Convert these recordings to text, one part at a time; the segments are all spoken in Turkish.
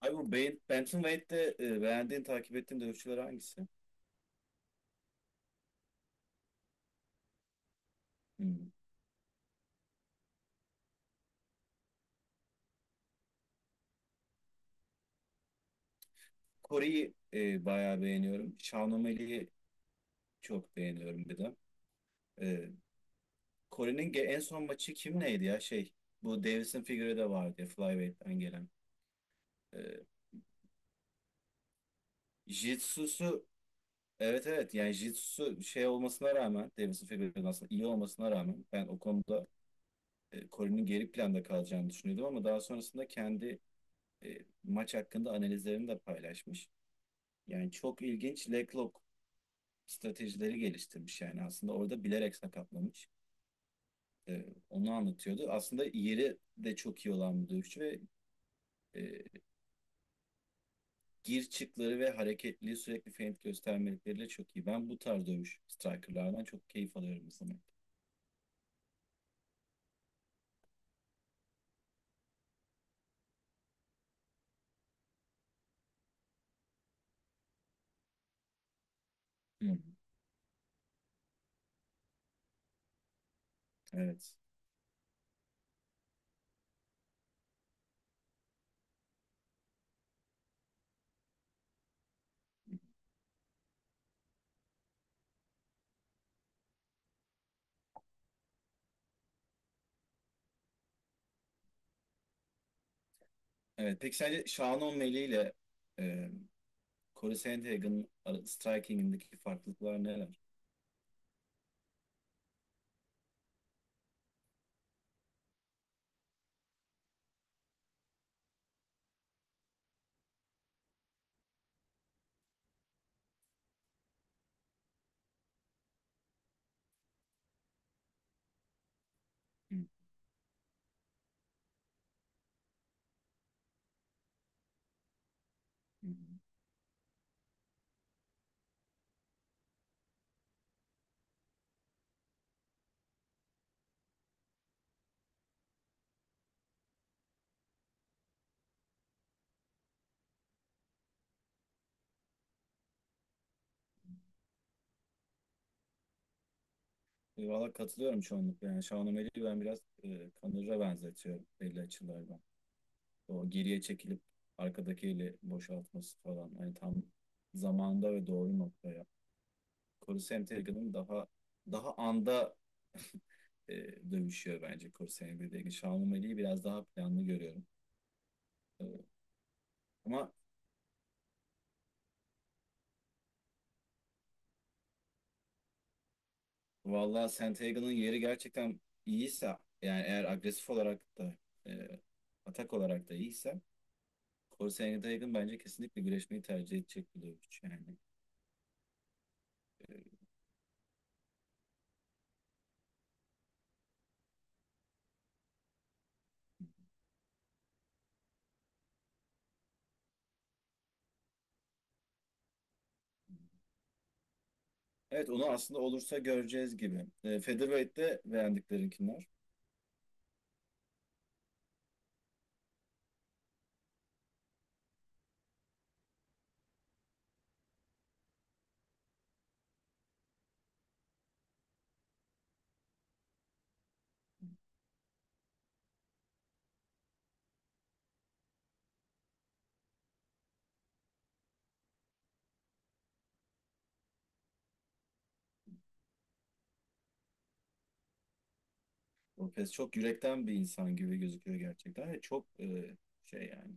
Abi bu Bantamweight'te beğendiğin, takip ettiğin dövüşçüler hangisi? Hmm. Kore'yi bayağı beğeniyorum. Shawn çok beğeniyorum bir de. E, Kore'nin en son maçı kim neydi ya? Şey, bu Davison Figueiredo vardı ya, Flyweight'ten gelen. E, Jitsu'su, evet evet, yani Jitsu'su şey olmasına rağmen, Davison Figueiredo'nun aslında iyi olmasına rağmen ben o konuda Kore'nin geri planda kalacağını düşünüyordum, ama daha sonrasında kendi e, maç hakkında analizlerini de paylaşmış. Yani çok ilginç Blacklock stratejileri geliştirmiş, yani aslında orada bilerek sakatlamış. Onu anlatıyordu. Aslında yeri de çok iyi olan bir dövüşçü ve e, gir çıkları ve hareketliliği sürekli feint göstermelikleriyle çok iyi. Ben bu tarz dövüş strikerlardan çok keyif alıyorum sanırım. Hı. Evet. Evet. Peki sence Sean O'Malley ile e, Corey Sandhagen'ın striking'indeki farklılıklar neler? Hı, hı. Valla katılıyorum çoğunlukla. Yani Şahnameli'yi ben biraz Kanır'a benzetiyorum belli açılardan. O geriye çekilip arkadaki eli boşaltması falan. Hani tam zamanda ve doğru noktaya. Korusem Tergan'ın daha anda e, dövüşüyor bence Korusem Tergan. Şahnameli'yi biraz daha planlı görüyorum. E, ama valla Sentegan'ın yeri gerçekten iyiyse, yani eğer agresif olarak da e, atak olarak da iyiyse, Korsen Yatay'ın bence kesinlikle güreşmeyi tercih edecek bir dövüşçü yani. Evet, onu aslında olursa göreceğiz gibi. Featherweight'te beğendiklerinkiler. Lopez çok yürekten bir insan gibi gözüküyor gerçekten. Ve çok şey yani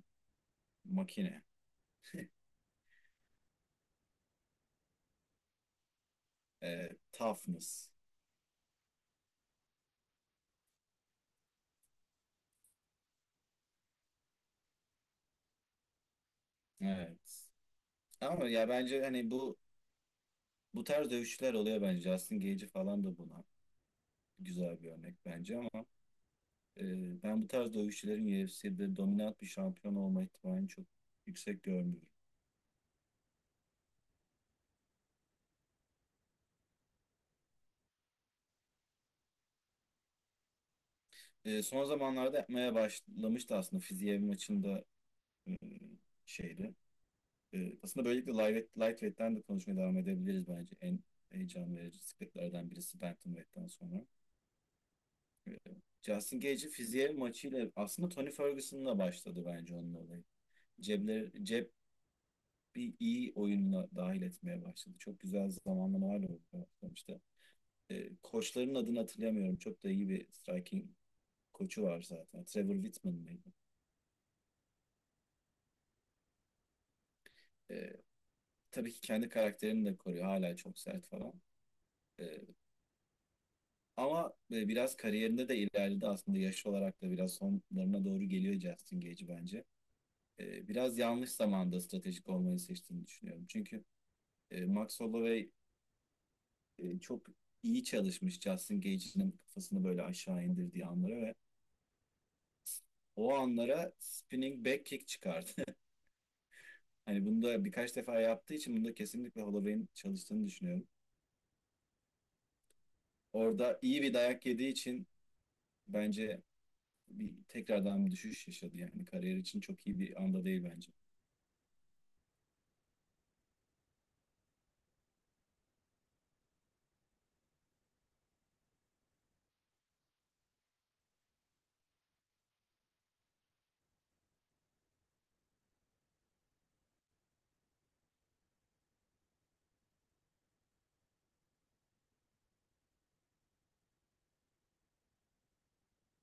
makine. Toughness. Evet. Ama ya bence hani bu tarz dövüşçüler oluyor bence. Justin Gaethje falan da buna güzel bir örnek bence, ama e, ben bu tarz dövüşçülerin UFC'de dominant bir şampiyon olma ihtimalini çok yüksek görmüyorum. Son zamanlarda yapmaya başlamıştı aslında. Fiziev maçında e, şeydi. Aslında böylelikle lightweight'ten de konuşmaya devam edebiliriz bence. En heyecan verici sıklıklardan birisi bantamweight'ten sonra. Ee, Justin Gage'in fiziğe maçıyla aslında Tony Ferguson'la başladı bence onun olayı. Cep bir iyi oyununa dahil etmeye başladı. Çok güzel zamanlamalarla başlamıştı. Koçların adını hatırlamıyorum. Çok da iyi bir striking koçu var zaten. Trevor Whitman mıydı? Ee, tabii ki kendi karakterini de koruyor. Hala çok sert falan. Ee, Ama biraz kariyerinde de ilerledi, aslında yaş olarak da biraz sonlarına doğru geliyor Justin Gage bence. Biraz yanlış zamanda stratejik olmayı seçtiğini düşünüyorum. Çünkü Max Holloway çok iyi çalışmış Justin Gage'in kafasını böyle aşağı indirdiği anlara, ve o anlara spinning back kick çıkardı. Hani bunu da birkaç defa yaptığı için, bunda kesinlikle Holloway'in çalıştığını düşünüyorum. Orada iyi bir dayak yediği için bence bir tekrardan bir düşüş yaşadı, yani kariyer için çok iyi bir anda değil bence.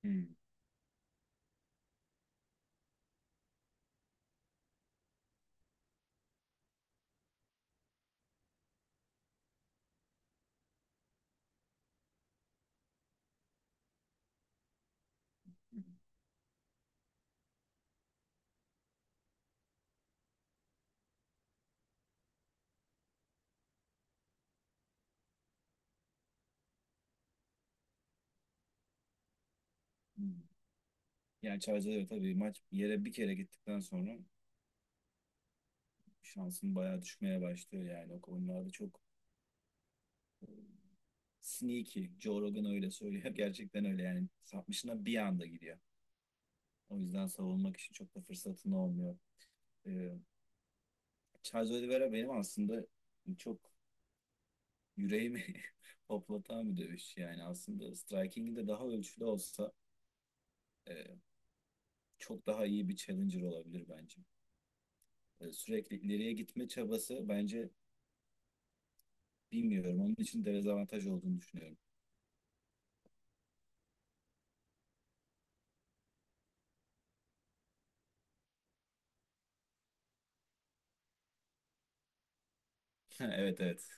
Hmm. Hmm. Hmm. Yani Çayca'da tabii maç yere bir kere gittikten sonra şansın bayağı düşmeye başlıyor, yani o konularda çok sneaky. Joe Rogan öyle söylüyor. Gerçekten öyle, yani sapmışına bir anda gidiyor. O yüzden savunmak için çok da fırsatın olmuyor. Ee, Charles Oliveira benim aslında çok yüreğimi hoplatan bir dövüş. Yani aslında striking'i de daha ölçülü olsa e, çok daha iyi bir challenger olabilir bence. Sürekli ileriye gitme çabası bence bilmiyorum. Onun için dezavantaj olduğunu düşünüyorum. Evet, evet.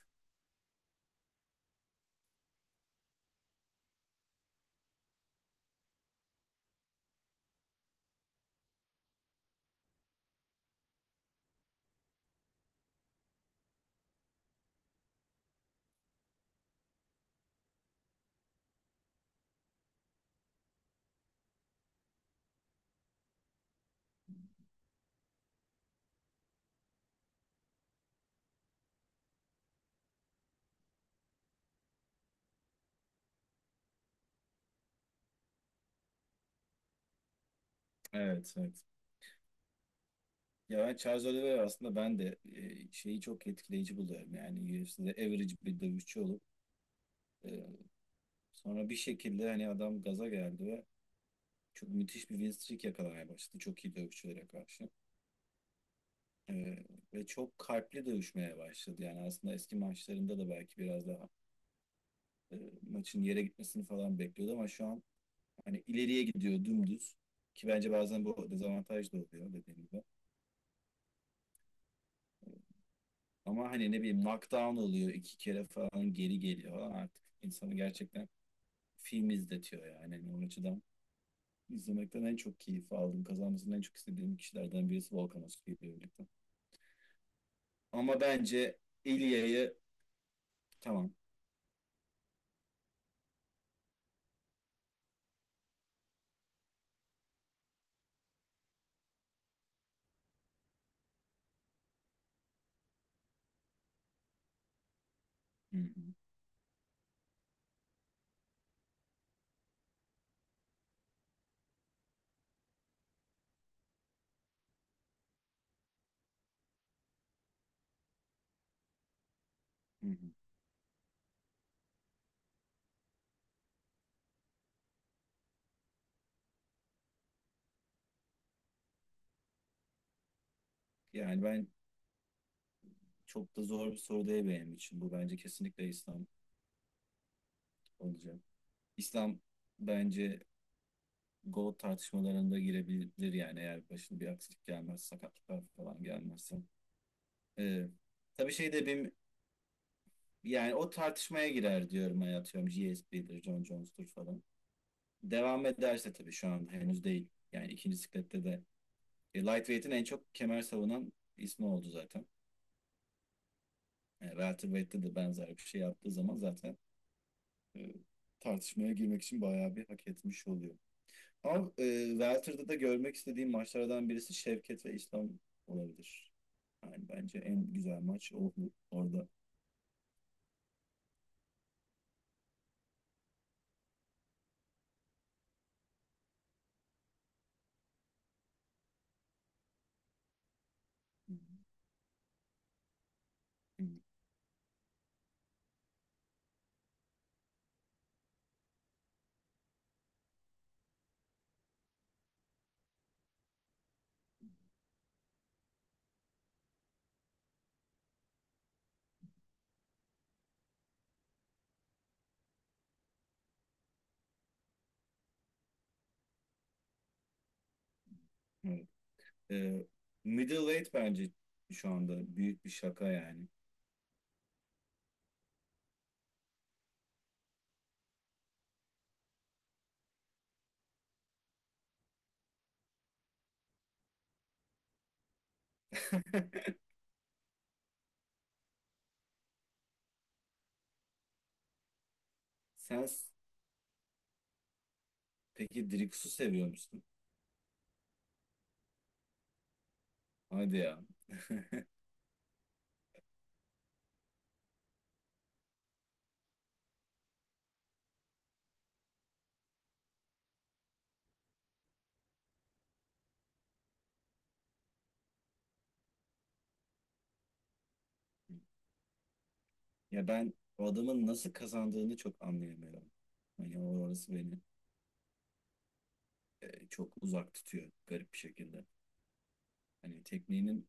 Evet, evet. Ya ben Charles Oliveira, aslında ben de şeyi çok etkileyici buluyorum. Yani UFC'de average bir dövüşçü olup e, sonra bir şekilde hani adam gaza geldi ve çok müthiş bir win streak yakalamaya başladı. Çok iyi dövüşçülere karşı. E, ve çok kalpli dövüşmeye başladı. Yani aslında eski maçlarında da belki biraz daha e, maçın yere gitmesini falan bekliyordu, ama şu an hani ileriye gidiyor dümdüz. Ki bence bazen bu dezavantaj da oluyor, dediğim gibi. Ama hani ne bileyim, knockdown oluyor iki kere falan, geri geliyor falan, artık insanı gerçekten film izletiyor yani. Hani o açıdan izlemekten en çok keyif aldım. Kazanmasını en çok istediğim kişilerden birisi Volkan Öztürk ile birlikte. Ama bence İlya'yı tamam. Hı hı. Hı hı. Yani ben, çok da zor bir soru değil benim için. Bu bence kesinlikle İslam olacak. İslam bence gol tartışmalarında girebilir, yani eğer başına bir aksilik gelmez, sakatlıklar falan gelmezse. Ee, Tabii şey de benim, yani o tartışmaya girer diyorum hani, atıyorum GSP'dir, John Jones'tur falan. Devam ederse tabii, şu an henüz değil. Yani ikinci siklette de. Lightweight'in en çok kemer savunan ismi oldu zaten. Welterweight'te de benzer bir şey yaptığı zaman zaten e, tartışmaya girmek için bayağı bir hak etmiş oluyor. Ama Welter'da da görmek istediğim maçlardan birisi Şevket ve İslam olabilir. Yani bence en güzel maç o orada. Hı. Evet. E, middleweight bence şu anda büyük bir şaka yani. Sen peki Drix'u seviyor musun? Hadi ya. Ya ben o adamın nasıl kazandığını çok anlayamıyorum. Hani orası beni çok uzak tutuyor garip bir şekilde. Hani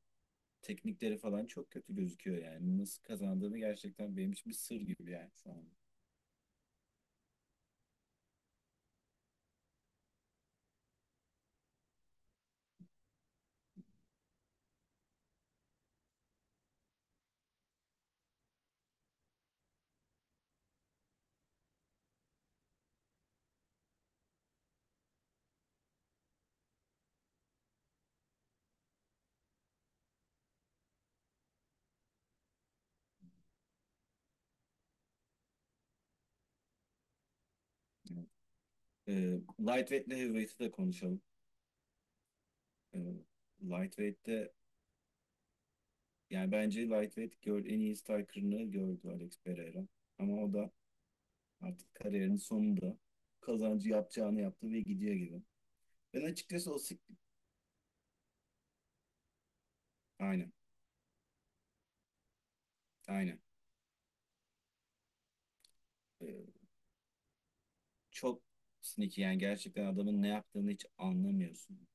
teknikleri falan çok kötü gözüküyor yani. Nasıl kazandığını gerçekten benim için bir sır gibi, yani şu an. Evet. E, Lightweight ile Heavyweight'i de konuşalım. E, Lightweight'te yani bence Lightweight en iyi striker'ını gördü Alex Pereira. Ama o da artık kariyerinin sonunda kazancı yapacağını yaptı ve gidiyor gibi. Ben açıkçası o aynen. Aynen. E, çok sneaky, yani gerçekten adamın ne yaptığını hiç anlamıyorsun.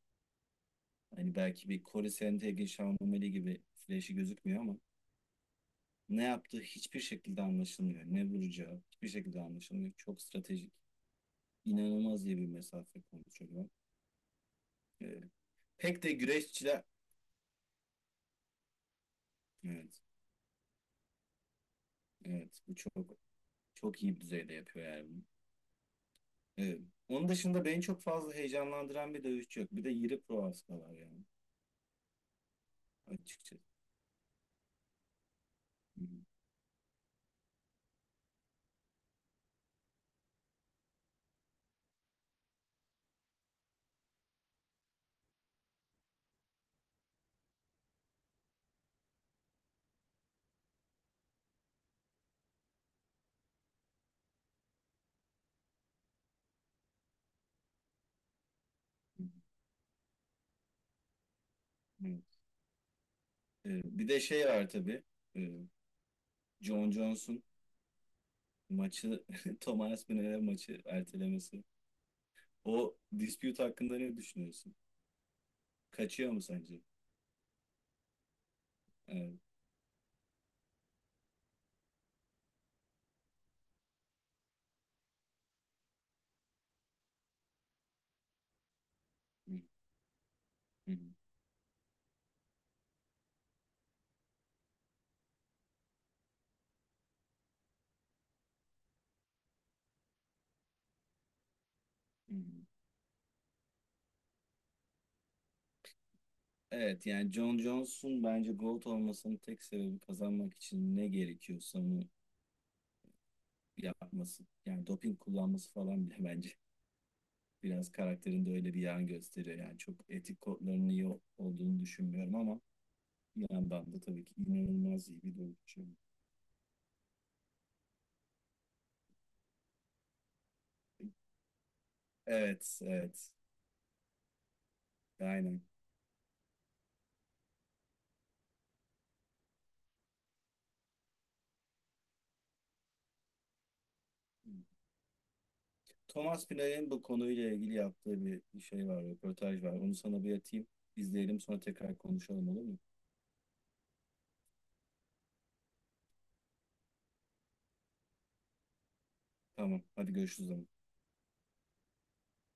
Hani belki bir Corey Sandhagen, Sean O'Malley gibi flash'i gözükmüyor ama ne yaptığı hiçbir şekilde anlaşılmıyor. Ne vuracağı hiçbir şekilde anlaşılmıyor. Çok stratejik. İnanılmaz iyi bir mesafe kontrolü. Ee, pek de güreşçiler... Evet, evet, bu çok iyi bir düzeyde yapıyor yani bunu. Evet. Onun dışında beni çok fazla heyecanlandıran bir dövüşçü yok. Bir de Yuri Prohaska var yani açıkçası. Hı hı. Hı. Hı. Evet. Bir de şey var tabii. Ee, John Jones'un maçı, Thomas Müller maçı ertelemesi. O dispute hakkında ne düşünüyorsun? Kaçıyor mu sence? Evet. Hı. Hı. Hı. Evet, yani John Jones'un bence GOAT olmasının tek sebebi kazanmak için ne gerekiyorsa onu yapması. Yani doping kullanması falan bile bence biraz karakterinde öyle bir yan gösteriyor. Yani çok etik kodlarının iyi olduğunu düşünmüyorum, ama bir yandan da tabii ki inanılmaz iyi bir dövüşçü. Evet, evet. Aynen. Thomas Pynar'ın bu konuyla ilgili yaptığı bir şey var, röportaj var. Onu sana bir atayım, izleyelim sonra tekrar konuşalım, olur mu? Tamam, hadi görüşürüz o zaman.